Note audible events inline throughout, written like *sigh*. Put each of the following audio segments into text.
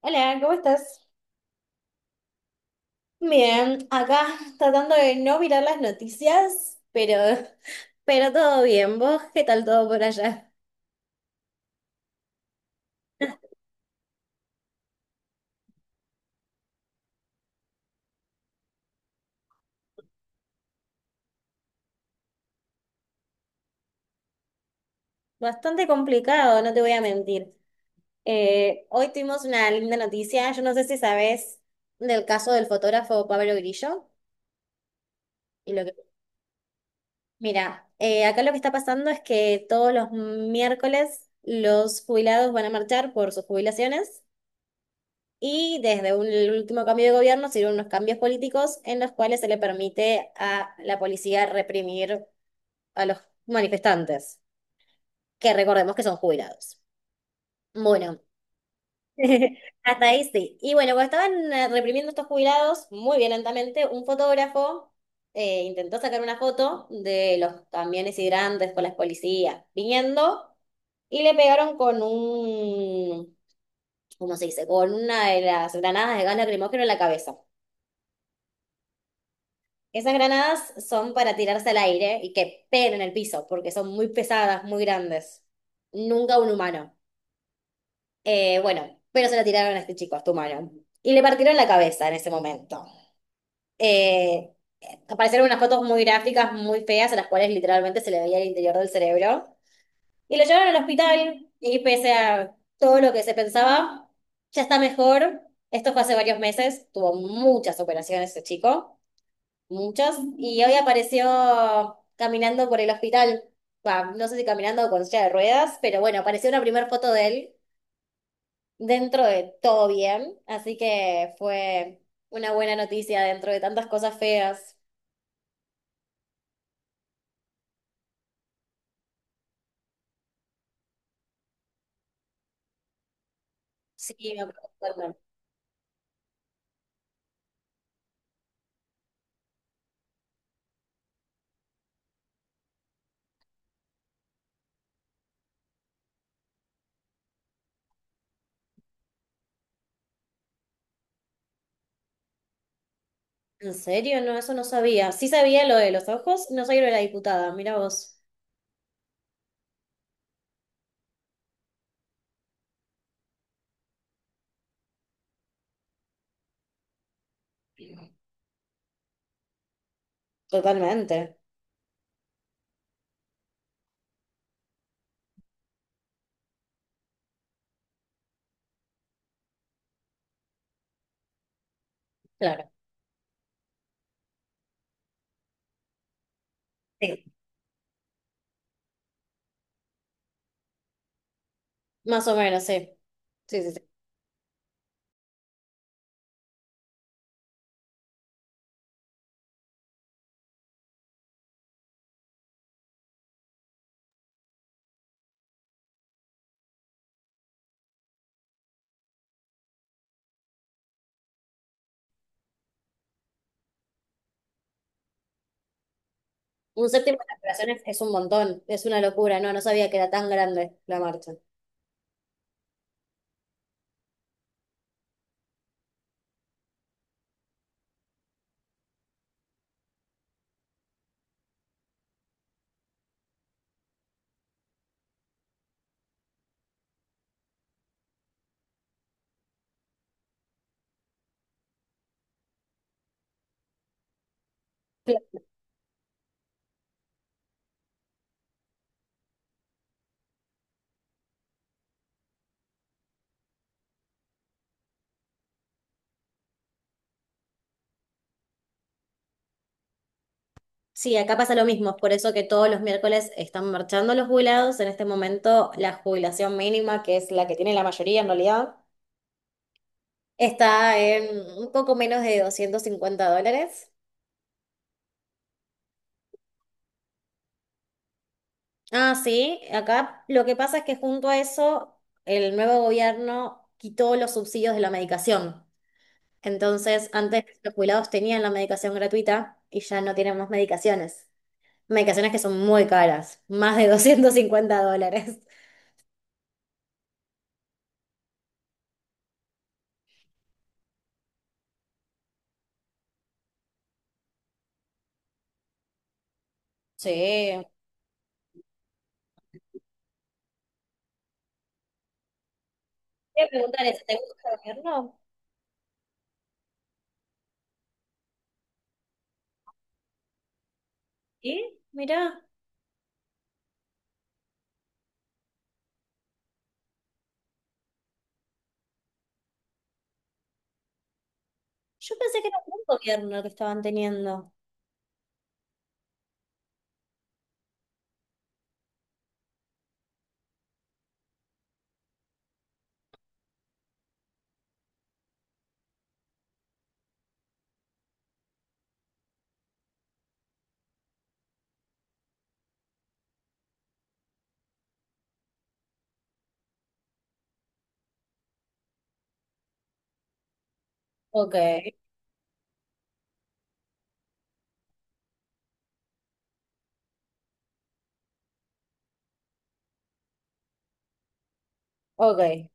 Hola, ¿cómo estás? Bien, acá tratando de no mirar las noticias, pero, *laughs* pero todo bien. ¿Vos qué tal todo por allá? Bastante complicado, no te voy a mentir. Hoy tuvimos una linda noticia, yo no sé si sabés del caso del fotógrafo Pablo Grillo. Y lo que... Mira, acá lo que está pasando es que todos los miércoles los jubilados van a marchar por sus jubilaciones. Y el último cambio de gobierno se dieron unos cambios políticos en los cuales se le permite a la policía reprimir a los manifestantes, que recordemos que son jubilados. Bueno, *laughs* hasta ahí sí. Y bueno, cuando estaban reprimiendo estos jubilados, muy violentamente, un fotógrafo intentó sacar una foto de los camiones hidrantes con las policías viniendo y le pegaron con un, ¿cómo se dice? Con una de las granadas de gas lacrimógeno en la cabeza. Esas granadas son para tirarse al aire y que peguen en el piso, porque son muy pesadas, muy grandes. Nunca un humano. Bueno, pero se la tiraron a este chico, a este humano. Y le partieron la cabeza en ese momento. Eh, Aparecieron unas fotos muy gráficas, muy feas, a las cuales literalmente se le veía el interior del cerebro. Y lo llevaron al hospital y pese a todo lo que se pensaba, ya está mejor. Esto fue hace varios meses, tuvo muchas operaciones ese chico. Muchos. Y hoy apareció caminando por el hospital. Bah, no sé si caminando o con silla de ruedas, pero bueno, apareció una primera foto de él dentro de todo bien. Así que fue una buena noticia dentro de tantas cosas feas. Sí, me preocuparon. ¿En serio? No, eso no sabía. Sí sabía lo de los ojos, no sabía lo de la diputada. Mira vos. Totalmente. Claro. Sí. Más o menos, sí. Sí, sí, sí. Un séptimo de las operaciones es un montón. Es una locura. No, no sabía que era tan grande la marcha. Sí, acá pasa lo mismo, es por eso que todos los miércoles están marchando los jubilados. En este momento, la jubilación mínima, que es la que tiene la mayoría en realidad, está en un poco menos de 250 dólares. Ah, sí, acá lo que pasa es que junto a eso, el nuevo gobierno quitó los subsidios de la medicación. Entonces, antes los jubilados tenían la medicación gratuita y ya no tienen más medicaciones. Medicaciones que son muy caras, más de 250 dólares. Sí, voy a preguntar eso, ¿te gusta el gobierno? ¿Sí? Mirá, yo pensé que era un buen gobierno que estaban teniendo. Ok, ok.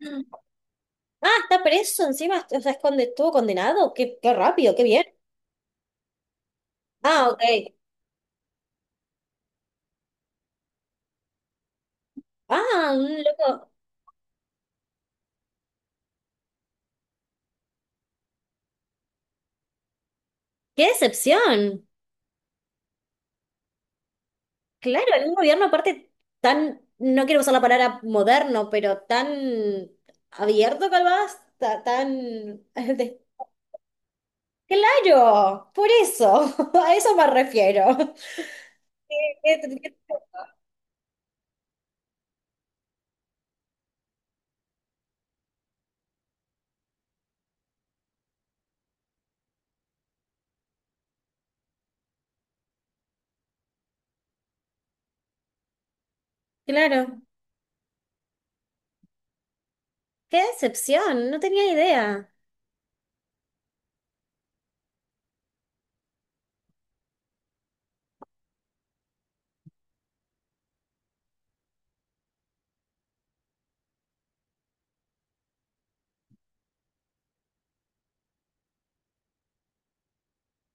Mm. Ah, está preso encima, o sea, estuvo condenado. Qué, qué rápido, qué bien. Ah, ok. Ah, un loco. Qué decepción. Claro, en un gobierno aparte tan, no quiero usar la palabra moderno, pero tan abierto calvás, tan... *laughs* de- Claro, por eso, *laughs* a eso me refiero. *laughs* Claro, qué decepción, no tenía idea.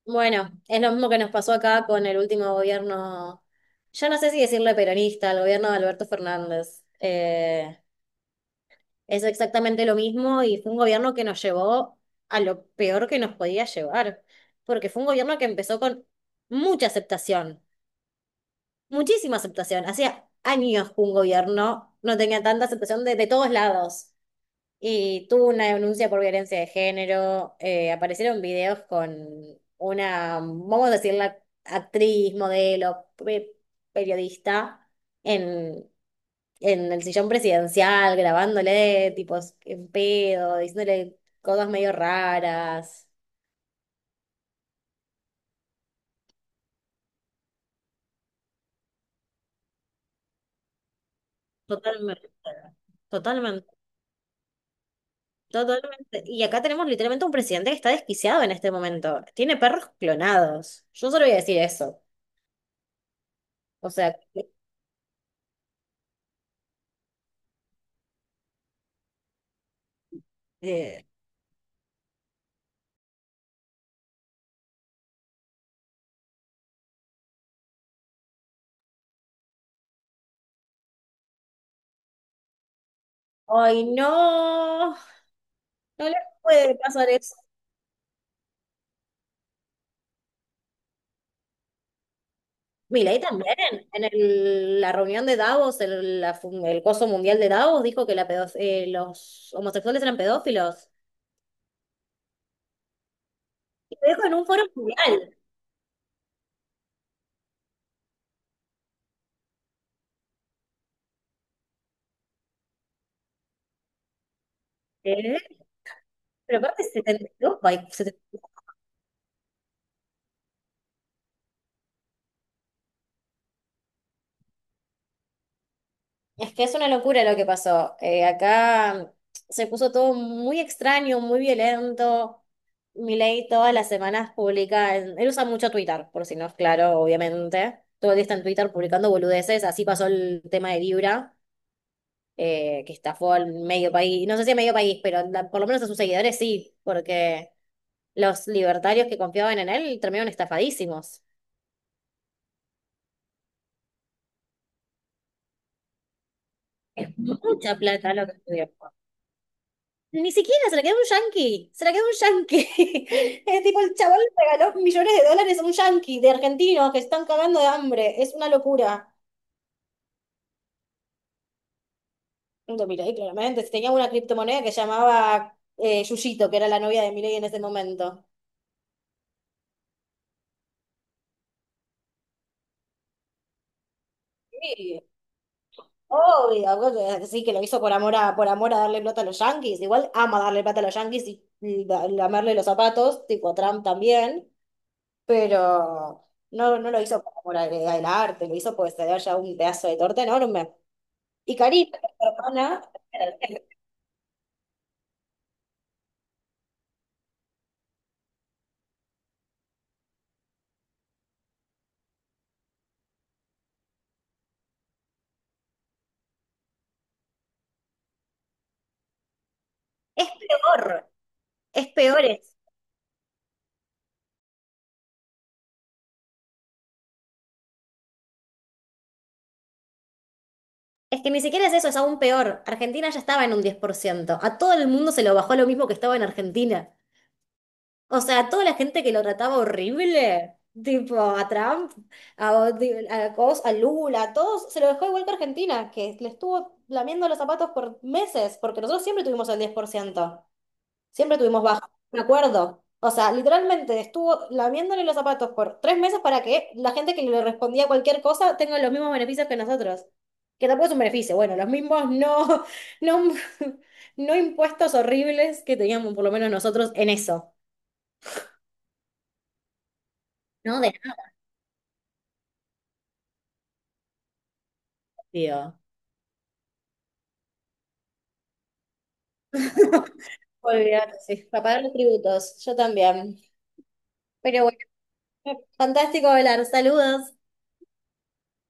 Bueno, es lo mismo que nos pasó acá con el último gobierno, yo no sé si decirle peronista, el gobierno de Alberto Fernández. Es exactamente lo mismo y fue un gobierno que nos llevó a lo peor que nos podía llevar, porque fue un gobierno que empezó con mucha aceptación, muchísima aceptación. Hacía años que un gobierno no tenía tanta aceptación de todos lados. Y tuvo una denuncia por violencia de género. Aparecieron videos con una, vamos a decirla, actriz, modelo, periodista en, en el sillón presidencial, grabándole tipos en pedo, diciéndole cosas medio raras. Totalmente, totalmente, totalmente. Y acá tenemos literalmente un presidente que está desquiciado en este momento. Tiene perros clonados. Yo solo voy a decir eso. O sea, eh, ay, no, no le puede pasar eso. Milei también, la reunión de Davos, el coso mundial de Davos, dijo que los homosexuales eran pedófilos. Y lo dijo en un foro mundial. ¿Eh? Pero aparte, ¿72? Es que es una locura lo que pasó. Acá se puso todo muy extraño, muy violento. Milei todas las semanas publica, él usa mucho Twitter, por si no es claro, obviamente. Todo el día está en Twitter publicando boludeces. Así pasó el tema de Libra, que estafó al medio país. No sé si a medio país, pero por lo menos a sus seguidores sí, porque los libertarios que confiaban en él terminaron estafadísimos. Es mucha plata lo que estudió. Ni siquiera, se la quedó un yanqui, se la quedó un yanqui. *laughs* Es tipo, el chaval le regaló millones de dólares a un yanqui de argentinos que están cagando de hambre. Es una locura. No te miré, claramente. Si tenía una criptomoneda que llamaba Yuyito, que era la novia de Milei en ese momento. Sí, obvio, bueno, sí, que lo hizo por amor a darle plata a los yanquis. Igual ama darle plata a los yanquis y lamerle los zapatos, tipo a Trump también, pero... No, no lo hizo por amor al, al arte, lo hizo porque se haya un pedazo de torta enorme. Y Carita, la hermana, es peor, es peor. Es que ni siquiera es eso, es aún peor. Argentina ya estaba en un 10%, a todo el mundo se lo bajó lo mismo que estaba en Argentina. O sea, a toda la gente que lo trataba horrible, tipo a Trump, a Cos, a Lula, a todos, se lo dejó igual que Argentina, que le estuvo lamiendo los zapatos por meses, porque nosotros siempre tuvimos el 10%. Siempre tuvimos baja, me acuerdo. O sea, literalmente estuvo lamiéndole los zapatos por 3 meses para que la gente que le respondía cualquier cosa tenga los mismos beneficios que nosotros. Que tampoco es un beneficio, bueno, los mismos no, no, *laughs* no impuestos horribles que teníamos por lo menos nosotros en eso. No, de nada, tío. *laughs* Olvídate, sí. Para pagar los tributos, yo también. Pero bueno, fantástico hablar. Saludos.